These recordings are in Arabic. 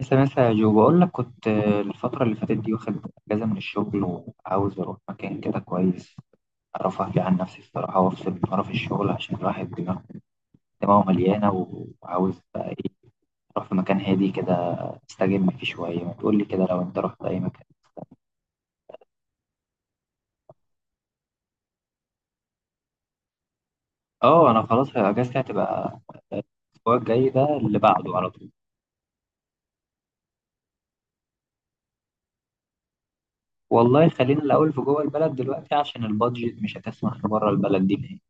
لسه لسه يا جو، بقول لك كنت الفترة اللي فاتت دي واخد أجازة من الشغل، وعاوز أروح مكان كده كويس أعرف أهدي عن نفسي الصراحة، وأفصل من قرف الشغل، عشان الواحد دماغه مليانة، وعاوز بقى إيه أروح في مكان هادي كده أستجم فيه شوية. ما تقول لي كده لو أنت رحت أي مكان؟ أه، أنا خلاص أجازتي هتبقى الأسبوع الجاي ده اللي بعده على طول. والله خلينا الأول في جوه البلد دلوقتي عشان البادجت مش هتسمح بره البلد دي.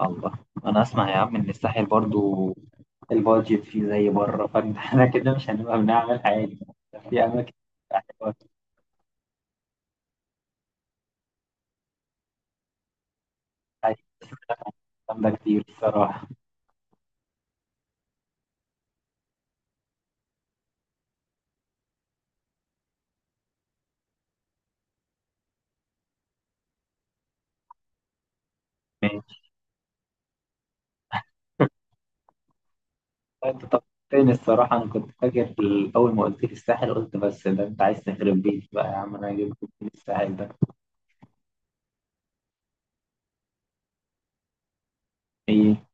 الله. انا اسمع يا عم ان الساحل برضو البادجت فيه زي بره، فاحنا كده مش هنبقى بنعمل حاجه في اماكن حلوه. حاجات جامده كتير الصراحه. ماشي. انت طبقتني الصراحه، انا كنت فاكر اول ما قلت لي الساحل، قلت بس ده انت عايز تخرب بيتي بقى يا عم، انا هجيب لك من الساحل ده ايه؟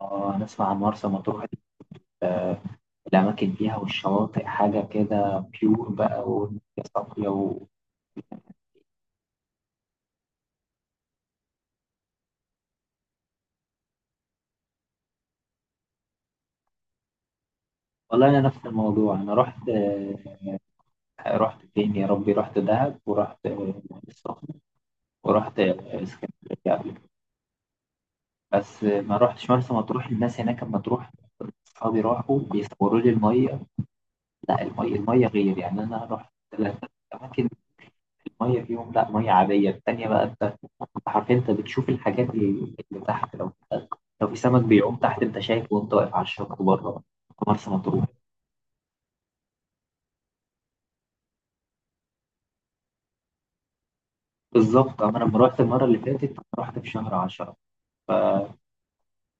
اه نسمع عن مرسى مطروح. آه، الاماكن فيها والشواطئ حاجه كده بيور بقى، والدنيا صافيه والله انا نفس الموضوع. انا رحت رحت فين يا ربي، رحت دهب ورحت العين السخنة ورحت اسكندرية قبل كده. بس ما رحتش مرسى مطروح. الناس هناك لما تروح أصحابي راحوا بيصوروا لي المية، لا المية المية غير يعني. أنا رحت ثلاثة أماكن المية فيهم لا مية عادية، التانية بقى أنت أنت حرفيا أنت بتشوف الحاجات اللي تحت، لو في سمك بيعوم تحت أنت شايفه وأنت واقف على الشط بره في مرسى مطروح. بالظبط. أما أنا لما رحت المرة اللي فاتت رحت في شهر 10،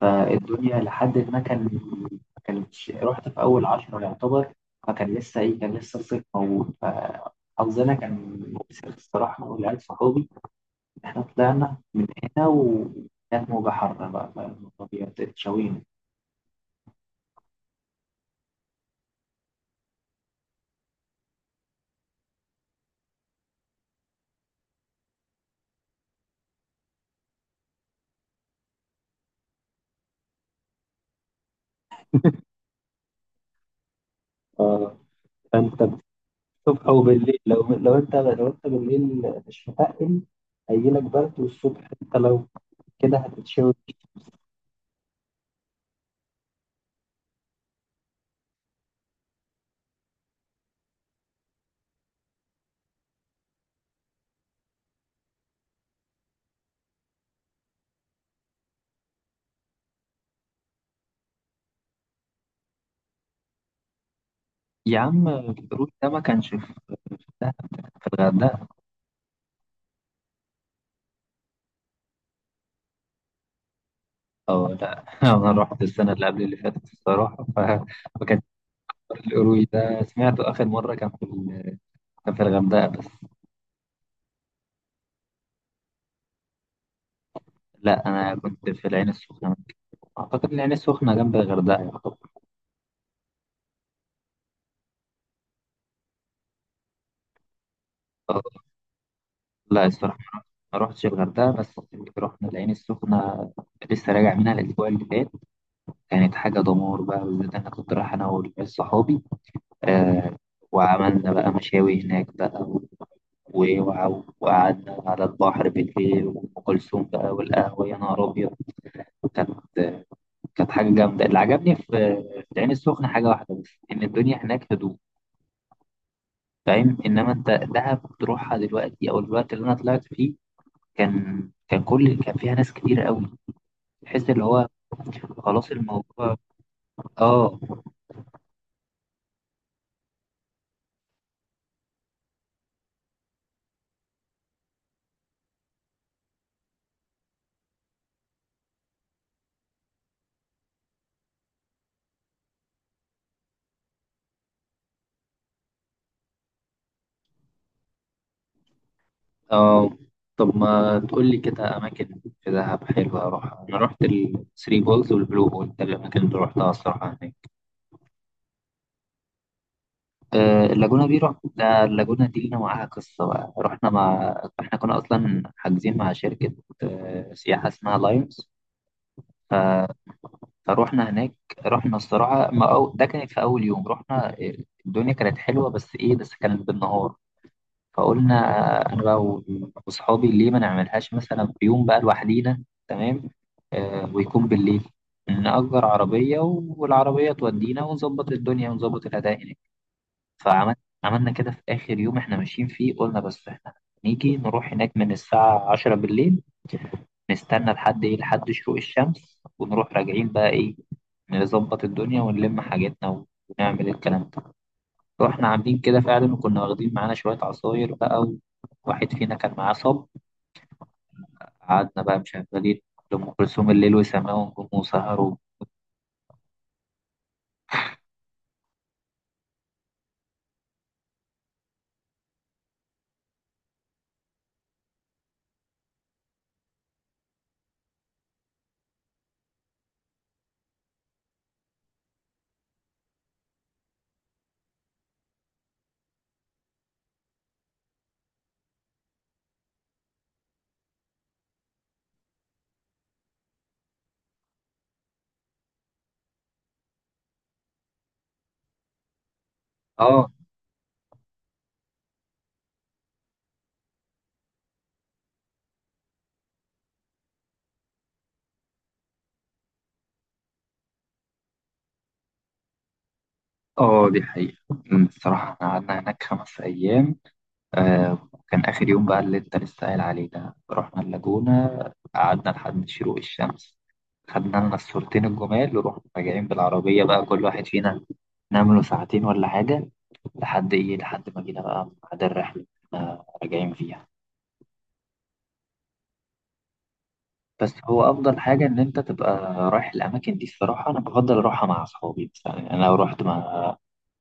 فالدنيا لحد ما ما كانتش، رحت في أول عشرة يعتبر، فكان لسه إيه كان لسه الصيف موجود، فحظنا كان مؤسف الصراحة، أنا والعيال صحابي. إحنا طلعنا من هنا وكانت موجة حارة بقى، فالطبيعة اتشوينا. اه فانت الصبح او بالليل، لو لو انت بالليل مش متقل هيجيلك برد، والصبح انت لو كده هتتشوي. يا عم الروت ده ما كانش في دهب، ده كان في الغردقة. أو لا أنا رحت السنة اللي قبل اللي فاتت الصراحة، فكان القروي ده سمعته آخر مرة كان في كان في الغردقة بس. لا أنا كنت في العين السخنة، أعتقد العين السخنة جنب الغردقة يعتبر. أه، لا الصراحة ما رحتش الغردقة، بس رحنا العين السخنة لسه راجع منها الأسبوع اللي فات. كانت حاجة دمار بقى، بالذات أنا كنت رايح أنا والعيال صحابي، آه وعملنا بقى مشاوي هناك بقى، وقعدنا على البحر بالليل وأم كلثوم بقى والقهوة، يا نهار أبيض. كانت كانت حاجة جامدة. اللي عجبني في العين السخنة حاجة واحدة بس، إن الدنيا هناك هدوء. فاهم. إنما أنت دهب تروحها دلوقتي أو الوقت اللي أنا طلعت فيه كان فيها ناس كتير قوي، تحس اللي هو خلاص الموضوع. آه. آه. طب ما تقول لي كده أماكن في دهب حلوة أروحها؟ أنا رحت الثري بولز والبلو هول، ده الأماكن اللي روحتها الصراحة هناك. اللاجونة دي رحنا. اللاجونة دي لنا معاها قصة بقى، رحنا مع، احنا كنا أصلا حاجزين مع شركة سياحة اسمها لايونز، فروحنا هناك. رحنا الصراحة ما أو... ده كانت في أول يوم، رحنا الدنيا كانت حلوة، بس إيه بس كانت بالنهار. فقلنا أنا بقى وأصحابي ليه ما نعملهاش مثلا في يوم بقى لوحدينا، تمام ويكون بالليل. نأجر عربية والعربية تودينا، ونظبط الدنيا ونظبط الأداء هناك. فعملنا عملنا كده في آخر يوم إحنا ماشيين فيه، قلنا بس إحنا نيجي نروح هناك من الساعة 10 بالليل، نستنى لحد إيه لحد شروق الشمس ونروح راجعين بقى إيه نظبط الدنيا ونلم حاجتنا ونعمل الكلام ده. رحنا عاملين كده فعلا وكنا واخدين معانا شوية عصاير بقى، وواحد فينا كان معاه صب. قعدنا بقى مشغلين لأم كلثوم، الليل وسماه ونجوم وسهر آه. آه دي حقيقة. الصراحة إحنا قعدنا هناك 5 أيام. آه كان آخر يوم بقى اللي أنت لسه قايل عليه ده رحنا اللاجونة، قعدنا لحد شروق الشمس، خدنا لنا الصورتين الجمال، ورحنا راجعين بالعربية بقى. كل واحد فينا نام له ساعتين ولا حاجة لحد إيه لحد ما جينا بقى ميعاد الرحلة آه راجعين فيها. بس هو أفضل حاجة إن أنت تبقى رايح الأماكن دي. الصراحة أنا بفضل أروحها مع أصحابي مثلا، يعني أنا لو رحت مع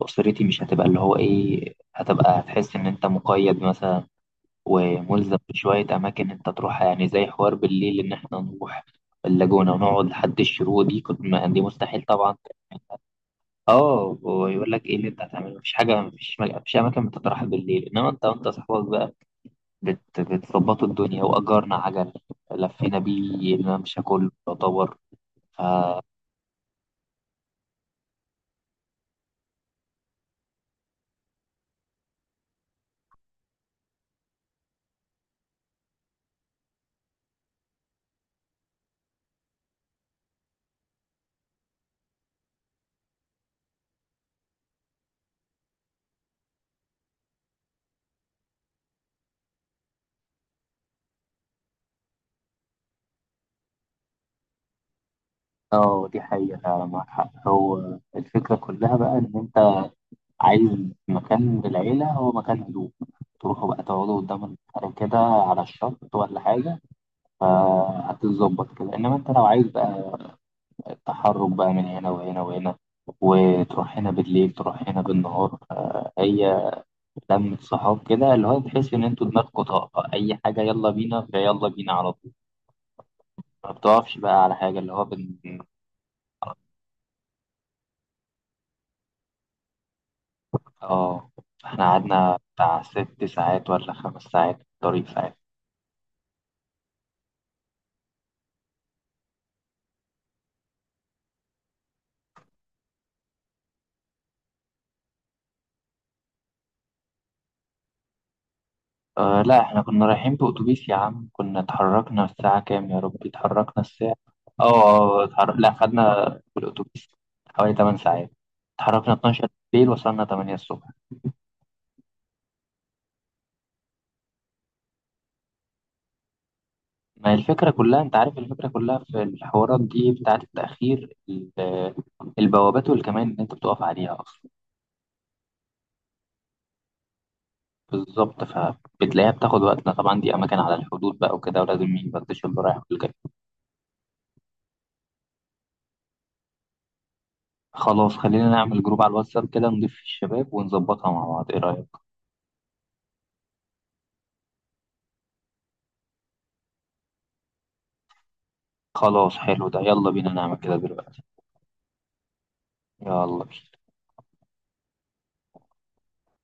أسرتي مش هتبقى اللي هو إيه هتبقى، هتحس إن أنت مقيد مثلا وملزم بشوية أماكن أنت تروحها، يعني زي حوار بالليل إن إحنا نروح اللاجونة ونقعد لحد الشروق، دي كنت ما دي مستحيل طبعا. اه، ويقول لك ايه اللي انت هتعمله؟ مفيش حاجه، مفيش مفيش اماكن بتتراح بالليل. انما انت وانت صاحبك بقى بتظبطوا الدنيا، واجرنا عجل لفينا بيه الممشى كله يعتبر ف- اه دي حقيقه فعلا معاك حق. هو الفكره كلها بقى ان انت عايز مكان للعيلة، هو مكان هدوء تروحوا بقى تقعدوا قدام البحر كده على الشط ولا حاجة، فهتتظبط كده. إنما أنت لو عايز بقى التحرك بقى من هنا وهنا وهنا، وتروح هنا بالليل تروح هنا بالنهار، هي لمة صحاب كده اللي هو تحس إن أنتوا دماغكوا طاقة أي حاجة يلا بينا، فيلا بينا على طول ما بتقفش بقى على حاجة اللي هو آه إحنا قعدنا بتاع 6 ساعات ولا 5 ساعات في الطريق ساعات. آه لا احنا كنا رايحين بأتوبيس يا عم، كنا اتحركنا الساعة كام يا ربي، اتحركنا الساعة اه لا خدنا بالأتوبيس حوالي 8 ساعات، اتحركنا 12 بالليل وصلنا 8 الصبح. ما هي الفكرة كلها، انت عارف الفكرة كلها في الحوارات دي بتاعة التأخير البوابات والكمان اللي انت بتقف عليها اصلا. بالظبط، فبتلاقيها بتاخد وقتنا طبعا، دي اماكن على الحدود بقى وكده، ولازم مين يفتش اللي رايح والجاي. خلاص خلينا نعمل جروب على الواتساب كده نضيف فيه الشباب ونظبطها مع بعض، ايه رأيك؟ خلاص حلو ده، يلا بينا نعمل كده دلوقتي. يلا بينا.